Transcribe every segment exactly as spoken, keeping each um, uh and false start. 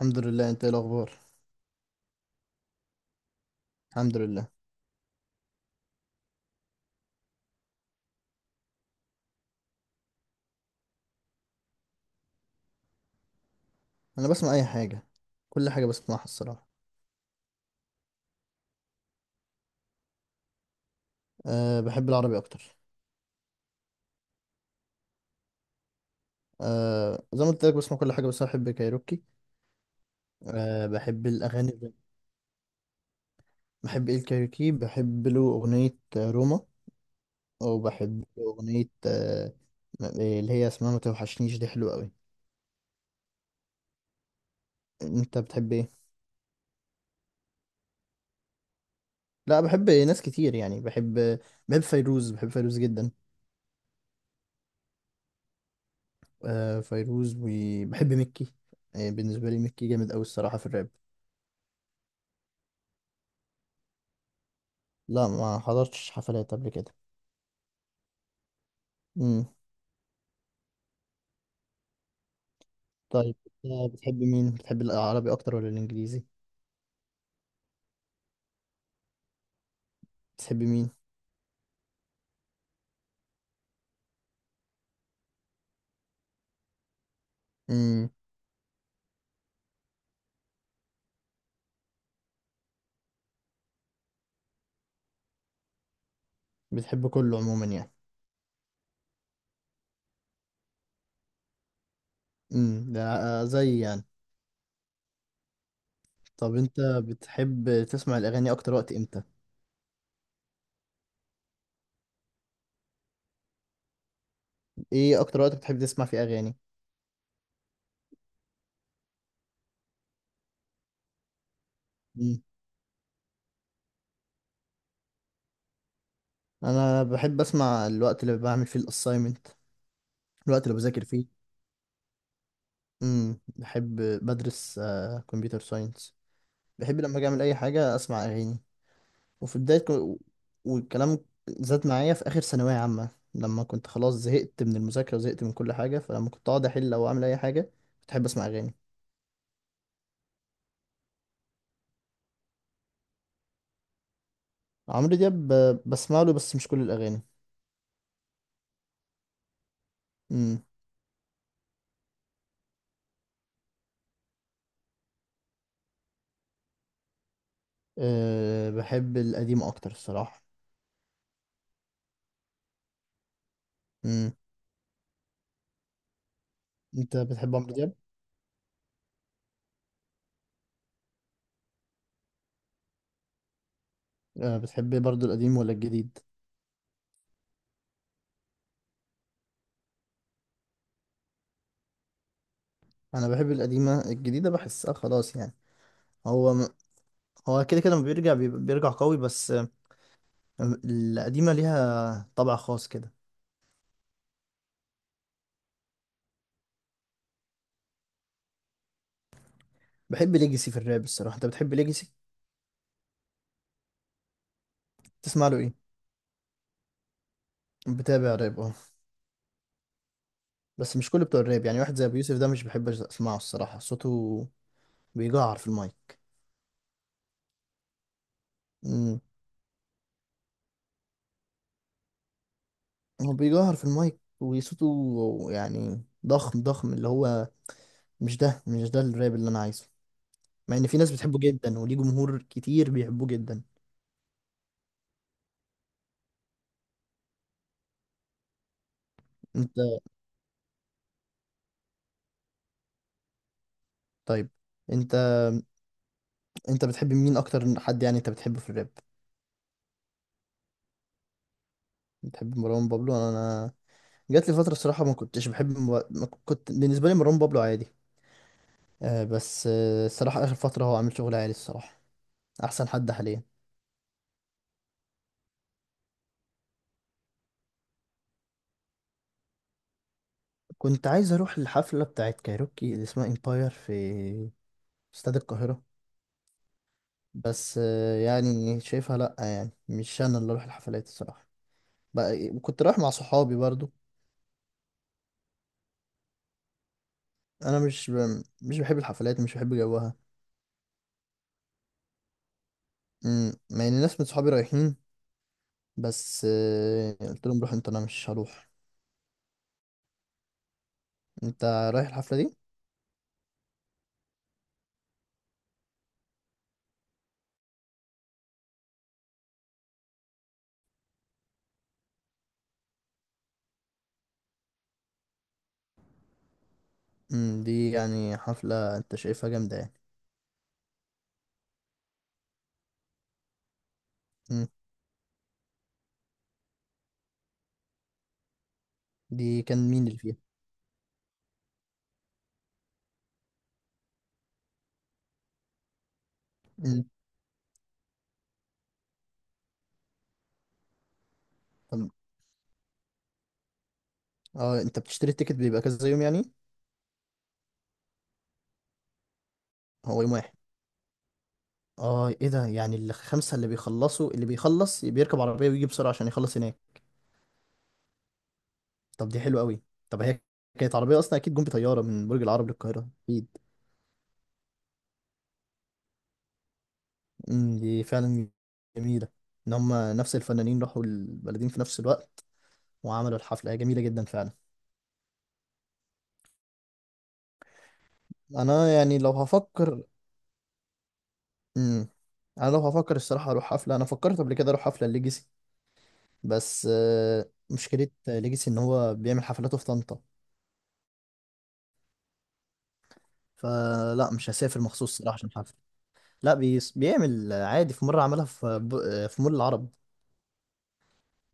الحمد لله. انت ايه الاخبار؟ الحمد لله. انا بسمع اي حاجه، كل حاجه بسمعها الصراحه. أه بحب العربي اكتر. أه زي ما قلت لك بسمع كل حاجه بس أنا بحب كايروكي. أه بحب الاغاني. بحب ايه الكايروكي؟ بحب له اغنيه آه، روما، وبحب له اغنيه أه اللي هي اسمها ما توحشنيش، دي حلوه قوي. انت بتحب ايه؟ لا بحب ناس كتير يعني. بحب بحب فيروز، بحب فيروز جدا. أه فيروز، وبحب مكي. آه، بالنسبه لي مكي جامد قوي الصراحه في الراب. لا ما حضرتش حفلات قبل كده. امم. طيب أنت بتحب مين، بتحب العربي اكتر ولا الانجليزي؟ بتحب مين؟ امم. بتحب كله عموما يعني. امم، ده آه، زي يعني. طب انت بتحب تسمع الاغاني اكتر وقت امتى؟ ايه اكتر وقت بتحب تسمع فيه اغاني؟ امم. انا بحب اسمع الوقت اللي بعمل فيه الاساينمنت، الوقت اللي بذاكر فيه. امم، بحب. بدرس كمبيوتر ساينس. بحب لما اجي اعمل اي حاجه اسمع اغاني. وفي بداية كو- والكلام زاد معايا في آخر ثانوية عامة، لما كنت خلاص زهقت من المذاكرة وزهقت من كل حاجة، فلما كنت أقعد أحل أو أعمل أي حاجة كنت أحب أسمع أغاني. عمرو دياب ب- بسمع له بس مش كل الأغاني. امم. أه بحب القديم أكتر الصراحة. امم. أنت بتحب عمرو دياب؟ أه بتحب برضو القديم ولا الجديد؟ أنا بحب القديمة، الجديدة بحسها خلاص يعني. هو م- هو كده كده لما بيرجع بيبقى- بيرجع قوي، بس آه، القديمة ليها طبع خاص كده. بحب ليجاسي في الراب الصراحة. أنت بتحب ليجاسي؟ تسمع له ايه؟ بتابع راب اه، بس مش كل بتوع الراب يعني. واحد زي ابو يوسف ده مش بحب اسمعه الصراحه، صوته بيجعر في المايك. امم. هو بيجعر في المايك وصوته يعني ضخم ضخم، اللي هو مش ده، مش ده الراب اللي انا عايزه، مع ان في ناس بتحبه جدا وليه جمهور كتير بيحبوه جدا. انت، طيب انت انت بتحب مين اكتر، حد يعني انت بتحبه في الراب؟ بتحب مروان بابلو. انا أنا جات لي فتره الصراحه ما كنتش بحب، ما كنت، بالنسبه لي مروان بابلو عادي، آه، بس آه، الصراحة آخر فترة هو عامل شغل عالي الصراحة، أحسن حد حاليا. كنت عايز أروح الحفلة بتاعت كايروكي اللي اسمها إمباير في استاد القاهرة، بس آه، يعني شايفها لأ، يعني مش أنا اللي أروح الحفلات الصراحة، بقى كنت رايح مع صحابي برضو. أنا مش ب... مش بحب الحفلات، مش بحب جوها. مم، مع إن ناس من صحابي رايحين، بس آه، قلت لهم روح أنت، أنا مش هروح. أنت رايح الحفلة دي؟ مم، دي يعني حفلة أنت شايفها جامدة يعني. مم، دي كان مين اللي فيها؟ أم- اه انت بتشتري التيكت بيبقى كذا يوم يعني؟ هو يوم واحد؟ اه ايه ده يعني، الخمسة اللي بيخلصوا، اللي بيخلص بيركب عربية ويجي بسرعة عشان يخلص هناك؟ طب دي حلوة قوي. طب هي كانت عربية اصلا، اكيد جم بطيارة من برج العرب للقاهرة اكيد. أمم، دي فعلا جميلة، ان هم نفس الفنانين راحوا البلدين في نفس الوقت وعملوا الحفلة. هي جميلة جدا فعلا. انا يعني لو هفكر، امم، انا لو هفكر الصراحة اروح حفلة، انا فكرت قبل كده اروح حفلة ليجاسي، بس آه، مشكلة ليجاسي ان هو بيعمل حفلاته في طنطا، فلا مش هسافر مخصوص صراحة عشان حفلة. لا بيس بيعمل عادي، في مرة عملها في ب... في مول العرب،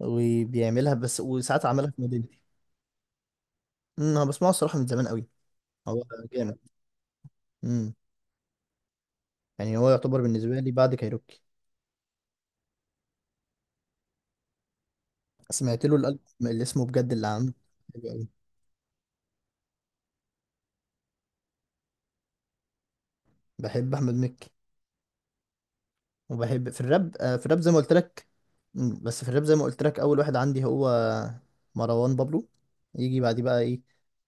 وبيعملها بس، وساعات عملها في مدينتي. أمم، انا بسمعه الصراحة من زمان قوي، هو جامد. امم، يعني هو يعتبر بالنسبة لي بعد كايروكي. سمعت له الألبوم اللي اسمه بجد، اللي عامله حلو قوي. بحب احمد مكي، وبحب في الراب آه، في الراب زي ما قلت لك. أمم، بس في الراب زي ما قلت لك اول واحد عندي هو مروان بابلو. يجي بعديه بقى ايه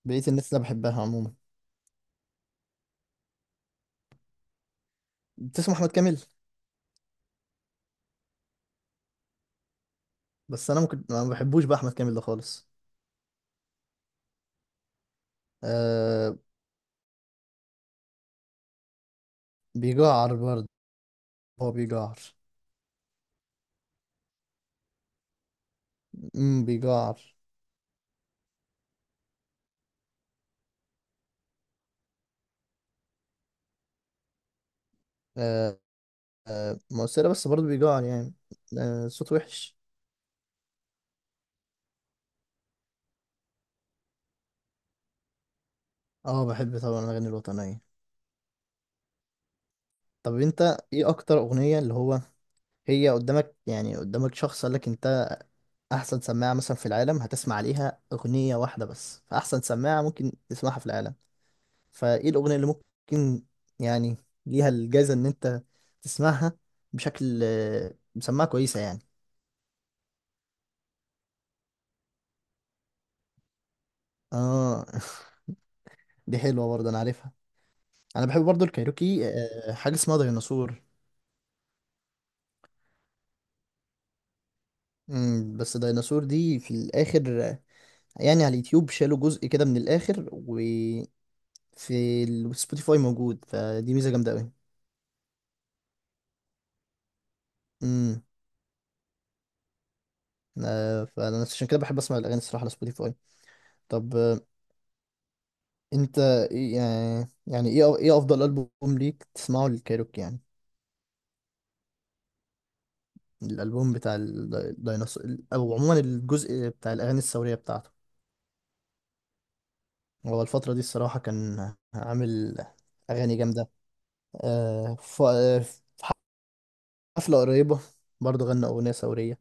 بقية الناس اللي أنا بحبها عموما. بتسمع احمد كامل؟ بس انا ممكن ما بحبوش بقى احمد كامل ده خالص. آه، بيجعر برضه، هو بيجعر. امم، بيجعر. آه، آه مؤثرة، بس برضه بيجعر يعني. آه صوت وحش. اه بحب طبعا الاغاني الوطنية. طب انت ايه اكتر اغنية اللي هو، هي قدامك، يعني قدامك شخص قال لك انت احسن سماعة مثلا في العالم، هتسمع عليها اغنية واحدة بس، فاحسن سماعة ممكن تسمعها في العالم، فايه الاغنيه اللي ممكن يعني ليها الجايزه ان انت تسمعها بشكل آه، مسمعها كويسه يعني؟ اه دي حلوه برضه، انا عارفها. انا بحب برضه الكايروكي آه، حاجه اسمها ديناصور. مم، بس ديناصور دي في الاخر آه، يعني على اليوتيوب شالوا جزء كده من الاخر، وفي السبوتيفاي موجود، فدي ميزه جامده قوي. امم، فانا عشان كده بحب اسمع الاغاني الصراحه على سبوتيفاي. طب انت ايه يعني، يعني ايه ايه افضل البوم ليك تسمعه للكايروكي يعني؟ الالبوم بتاع الديناصور، او عموما الجزء بتاع الاغاني الثوريه بتاعته، هو الفتره دي الصراحه كان عامل اغاني جامده. آه، ف- آه، في حفله قريبه برضه غنى اغنيه ثوريه،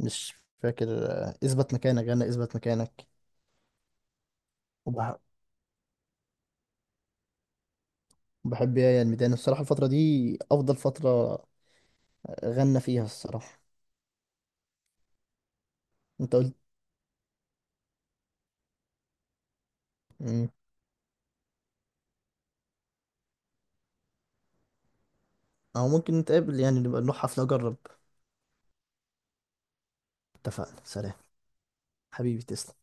مش فاكر آه، اثبت مكانك، غنى اثبت مكانك. وبح- وبحب يا يا الميدان الصراحه، الفتره دي افضل فتره غنى فيها الصراحه. انت قلت. مم. او ممكن نتقابل يعني، نبقى نروح حفله اجرب. اتفقنا، سلام. حبيبي تسلم.